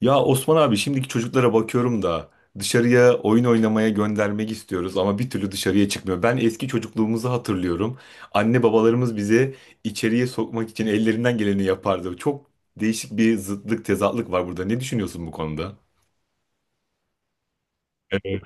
Ya Osman abi şimdiki çocuklara bakıyorum da dışarıya oyun oynamaya göndermek istiyoruz ama bir türlü dışarıya çıkmıyor. Ben eski çocukluğumuzu hatırlıyorum. Anne babalarımız bizi içeriye sokmak için ellerinden geleni yapardı. Çok değişik bir zıtlık, tezatlık var burada. Ne düşünüyorsun bu konuda? Evet.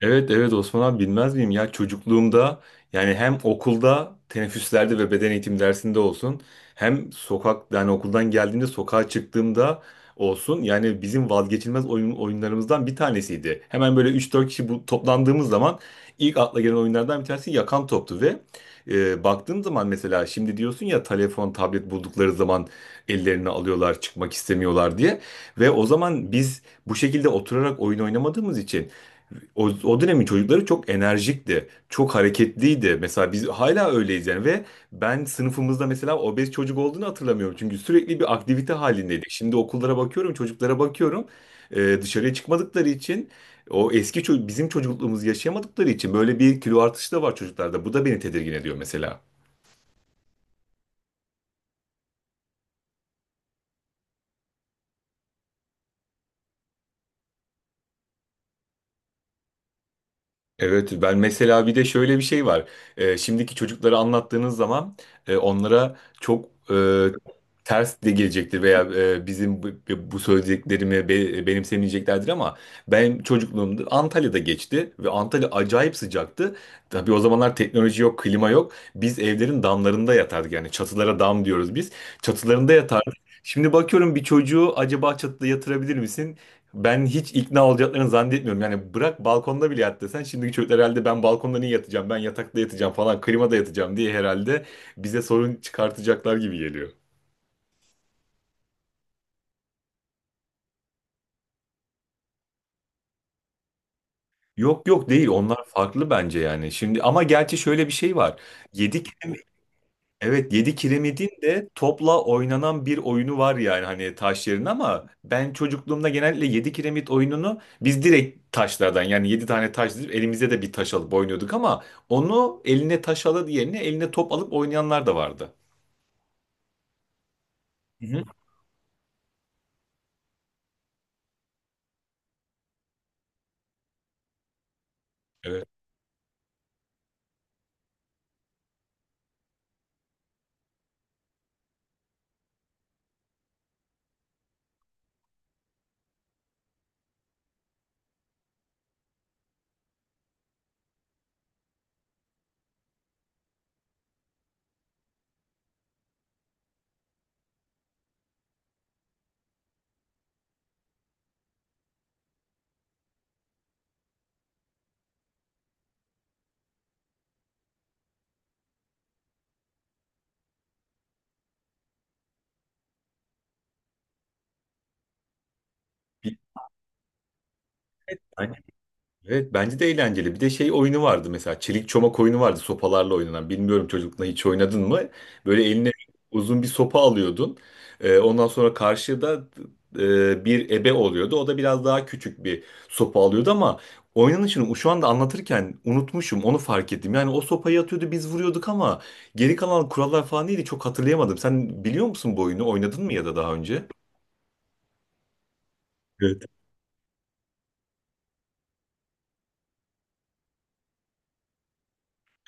Evet, evet Osman abi bilmez miyim ya, çocukluğumda yani hem okulda teneffüslerde ve beden eğitim dersinde olsun, hem sokak yani okuldan geldiğimde sokağa çıktığımda olsun, yani bizim vazgeçilmez oyunlarımızdan bir tanesiydi. Hemen böyle üç dört kişi bu, toplandığımız zaman ilk akla gelen oyunlardan bir tanesi yakan toptu ve baktığım zaman mesela şimdi diyorsun ya, telefon tablet buldukları zaman ellerini alıyorlar çıkmak istemiyorlar diye, ve o zaman biz bu şekilde oturarak oyun oynamadığımız için o dönemin çocukları çok enerjikti, çok hareketliydi. Mesela biz hala öyleyiz yani. Ve ben sınıfımızda mesela obez çocuk olduğunu hatırlamıyorum. Çünkü sürekli bir aktivite halindeydik. Şimdi okullara bakıyorum, çocuklara bakıyorum. Dışarıya çıkmadıkları için o eski bizim çocukluğumuzu yaşayamadıkları için böyle bir kilo artışı da var çocuklarda. Bu da beni tedirgin ediyor mesela. Evet, ben mesela bir de şöyle bir şey var. Şimdiki çocuklara anlattığınız zaman onlara çok ters de gelecektir, veya bizim bu, bu söylediklerimi benimsemeyeceklerdir ama benim çocukluğumda Antalya'da geçti ve Antalya acayip sıcaktı. Tabii o zamanlar teknoloji yok, klima yok. Biz evlerin damlarında yatardık, yani çatılara dam diyoruz biz. Çatılarında yatardık. Şimdi bakıyorum, bir çocuğu acaba çatıda yatırabilir misin? Ben hiç ikna olacaklarını zannetmiyorum. Yani bırak balkonda bile yat desen, şimdiki çocuklar herhalde ben balkonda niye yatacağım? Ben yatakta yatacağım falan, klimada yatacağım diye herhalde bize sorun çıkartacaklar gibi geliyor. Yok yok, değil, onlar farklı bence yani. Şimdi ama gerçi şöyle bir şey var. Yedik. Evet, 7 kiremidin de topla oynanan bir oyunu var yani, hani taş yerine, ama ben çocukluğumda genellikle 7 kiremit oyununu biz direkt taşlardan, yani 7 tane taş dizip elimize de bir taş alıp oynuyorduk, ama onu eline taş alıp yerine eline top alıp oynayanlar da vardı. Hı hı. Evet. Evet, bence de eğlenceli. Bir de şey oyunu vardı, mesela çelik çomak oyunu vardı sopalarla oynanan. Bilmiyorum, çocukluğunda hiç oynadın mı? Böyle eline uzun bir sopa alıyordun. Ondan sonra karşıda bir ebe oluyordu. O da biraz daha küçük bir sopa alıyordu ama oynanışını şu anda anlatırken unutmuşum, onu fark ettim. Yani o sopayı atıyordu, biz vuruyorduk, ama geri kalan kurallar falan neydi çok hatırlayamadım. Sen biliyor musun bu oyunu? Oynadın mı ya da daha önce? Evet.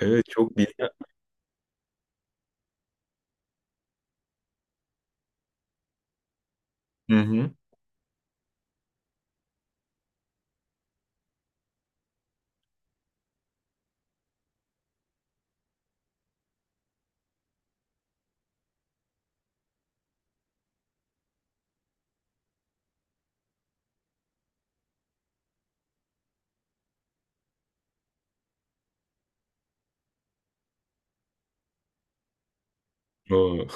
Evet, çok bilgi. Hı hı. Oo.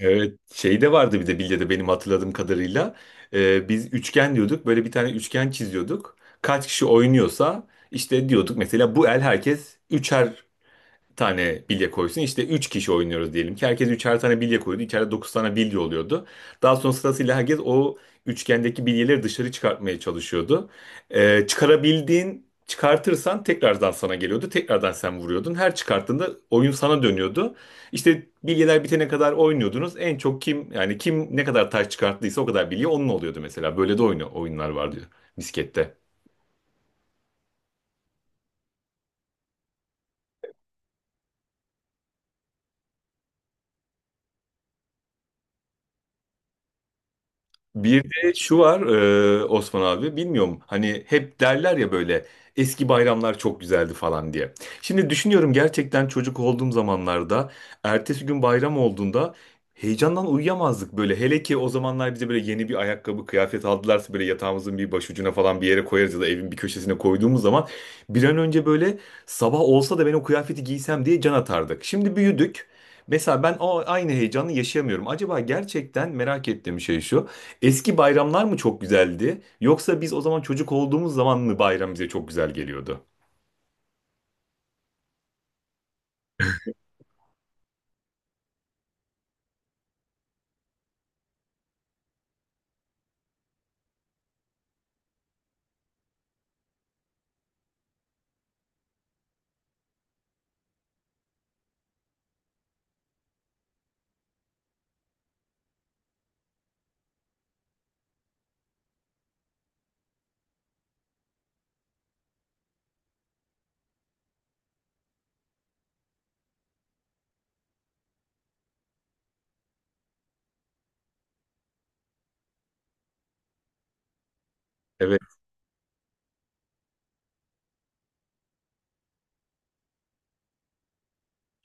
Evet, şey de vardı bir de bilyede benim hatırladığım kadarıyla. Biz üçgen diyorduk. Böyle bir tane üçgen çiziyorduk. Kaç kişi oynuyorsa işte diyorduk mesela, bu el herkes üçer tane bilye koysun. İşte 3 kişi oynuyoruz diyelim ki. Herkes üçer tane bilye koydu. İçeride 9 tane bilye oluyordu. Daha sonra sırasıyla herkes o üçgendeki bilyeleri dışarı çıkartmaya çalışıyordu. Çıkarabildiğin, çıkartırsan tekrardan sana geliyordu. Tekrardan sen vuruyordun. Her çıkarttığında oyun sana dönüyordu. İşte bilyeler bitene kadar oynuyordunuz. En çok kim, yani kim ne kadar taş çıkarttıysa o kadar bilye onun oluyordu mesela. Böyle de oyunlar vardı bisiklette. Bir de şu var, Osman abi, bilmiyorum, hani hep derler ya böyle eski bayramlar çok güzeldi falan diye. Şimdi düşünüyorum, gerçekten çocuk olduğum zamanlarda ertesi gün bayram olduğunda heyecandan uyuyamazdık böyle. Hele ki o zamanlar bize böyle yeni bir ayakkabı kıyafet aldılarsa, böyle yatağımızın bir başucuna falan bir yere koyarız ya da evin bir köşesine koyduğumuz zaman bir an önce böyle sabah olsa da ben o kıyafeti giysem diye can atardık. Şimdi büyüdük. Mesela ben o aynı heyecanı yaşayamıyorum. Acaba gerçekten merak ettiğim şey şu. Eski bayramlar mı çok güzeldi? Yoksa biz o zaman çocuk olduğumuz zaman mı bayram bize çok güzel geliyordu? Evet.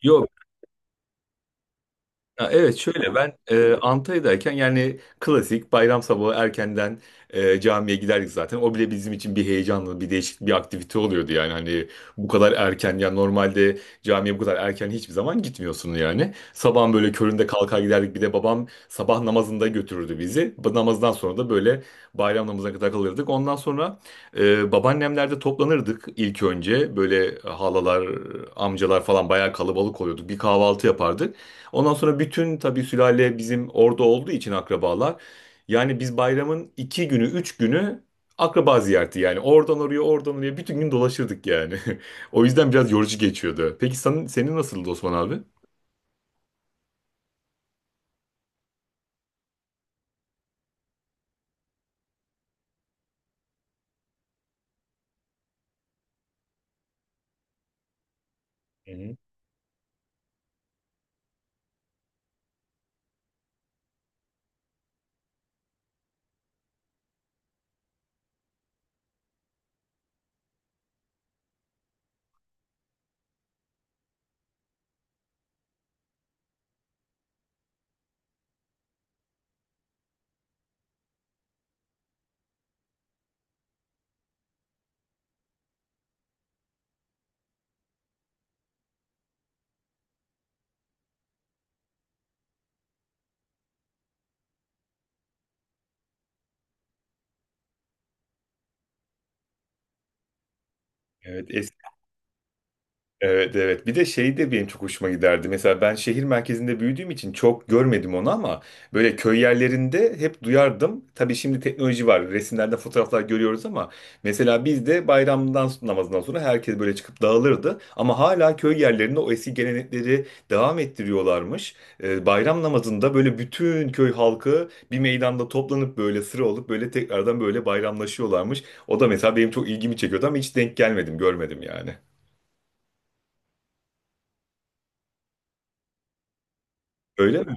Yok. Ya evet, şöyle, ben Antalya'dayken yani klasik bayram sabahı erkenden camiye giderdik zaten. O bile bizim için bir heyecanlı bir değişik bir aktivite oluyordu, yani hani bu kadar erken, yani normalde camiye bu kadar erken hiçbir zaman gitmiyorsun yani. Sabahın böyle köründe kalkar giderdik, bir de babam sabah namazında götürürdü bizi. Bu namazdan sonra da böyle bayram namazına kadar kalırdık. Ondan sonra babaannemlerde toplanırdık ilk önce, böyle halalar, amcalar falan, bayağı kalabalık oluyorduk. Bir kahvaltı yapardık. Ondan sonra bütün tabii sülale bizim orada olduğu için akrabalar. Yani biz bayramın iki günü, üç günü akraba ziyareti yani. Oradan oraya, oradan oraya bütün gün dolaşırdık yani. O yüzden biraz yorucu geçiyordu. Peki senin nasıldı Osman abi? Hı hı. Evet. Evet, evet, bir de şey de benim çok hoşuma giderdi. Mesela ben şehir merkezinde büyüdüğüm için çok görmedim onu ama böyle köy yerlerinde hep duyardım. Tabii şimdi teknoloji var. Resimlerde fotoğraflar görüyoruz ama mesela bizde de bayramdan namazından sonra herkes böyle çıkıp dağılırdı. Ama hala köy yerlerinde o eski gelenekleri devam ettiriyorlarmış. Bayram namazında böyle bütün köy halkı bir meydanda toplanıp böyle sıra olup böyle tekrardan böyle bayramlaşıyorlarmış. O da mesela benim çok ilgimi çekiyordu ama hiç denk gelmedim, görmedim yani. Öyle mi?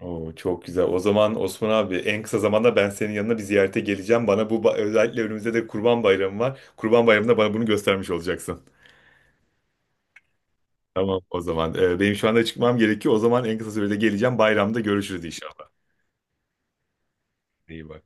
Oo, çok güzel. O zaman Osman abi en kısa zamanda ben senin yanına bir ziyarete geleceğim. Bana bu özellikle önümüzde de Kurban Bayramı var. Kurban Bayramı'nda bana bunu göstermiş olacaksın. Tamam o zaman. Benim şu anda çıkmam gerekiyor. O zaman en kısa sürede geleceğim. Bayramda görüşürüz inşallah. İyi bak.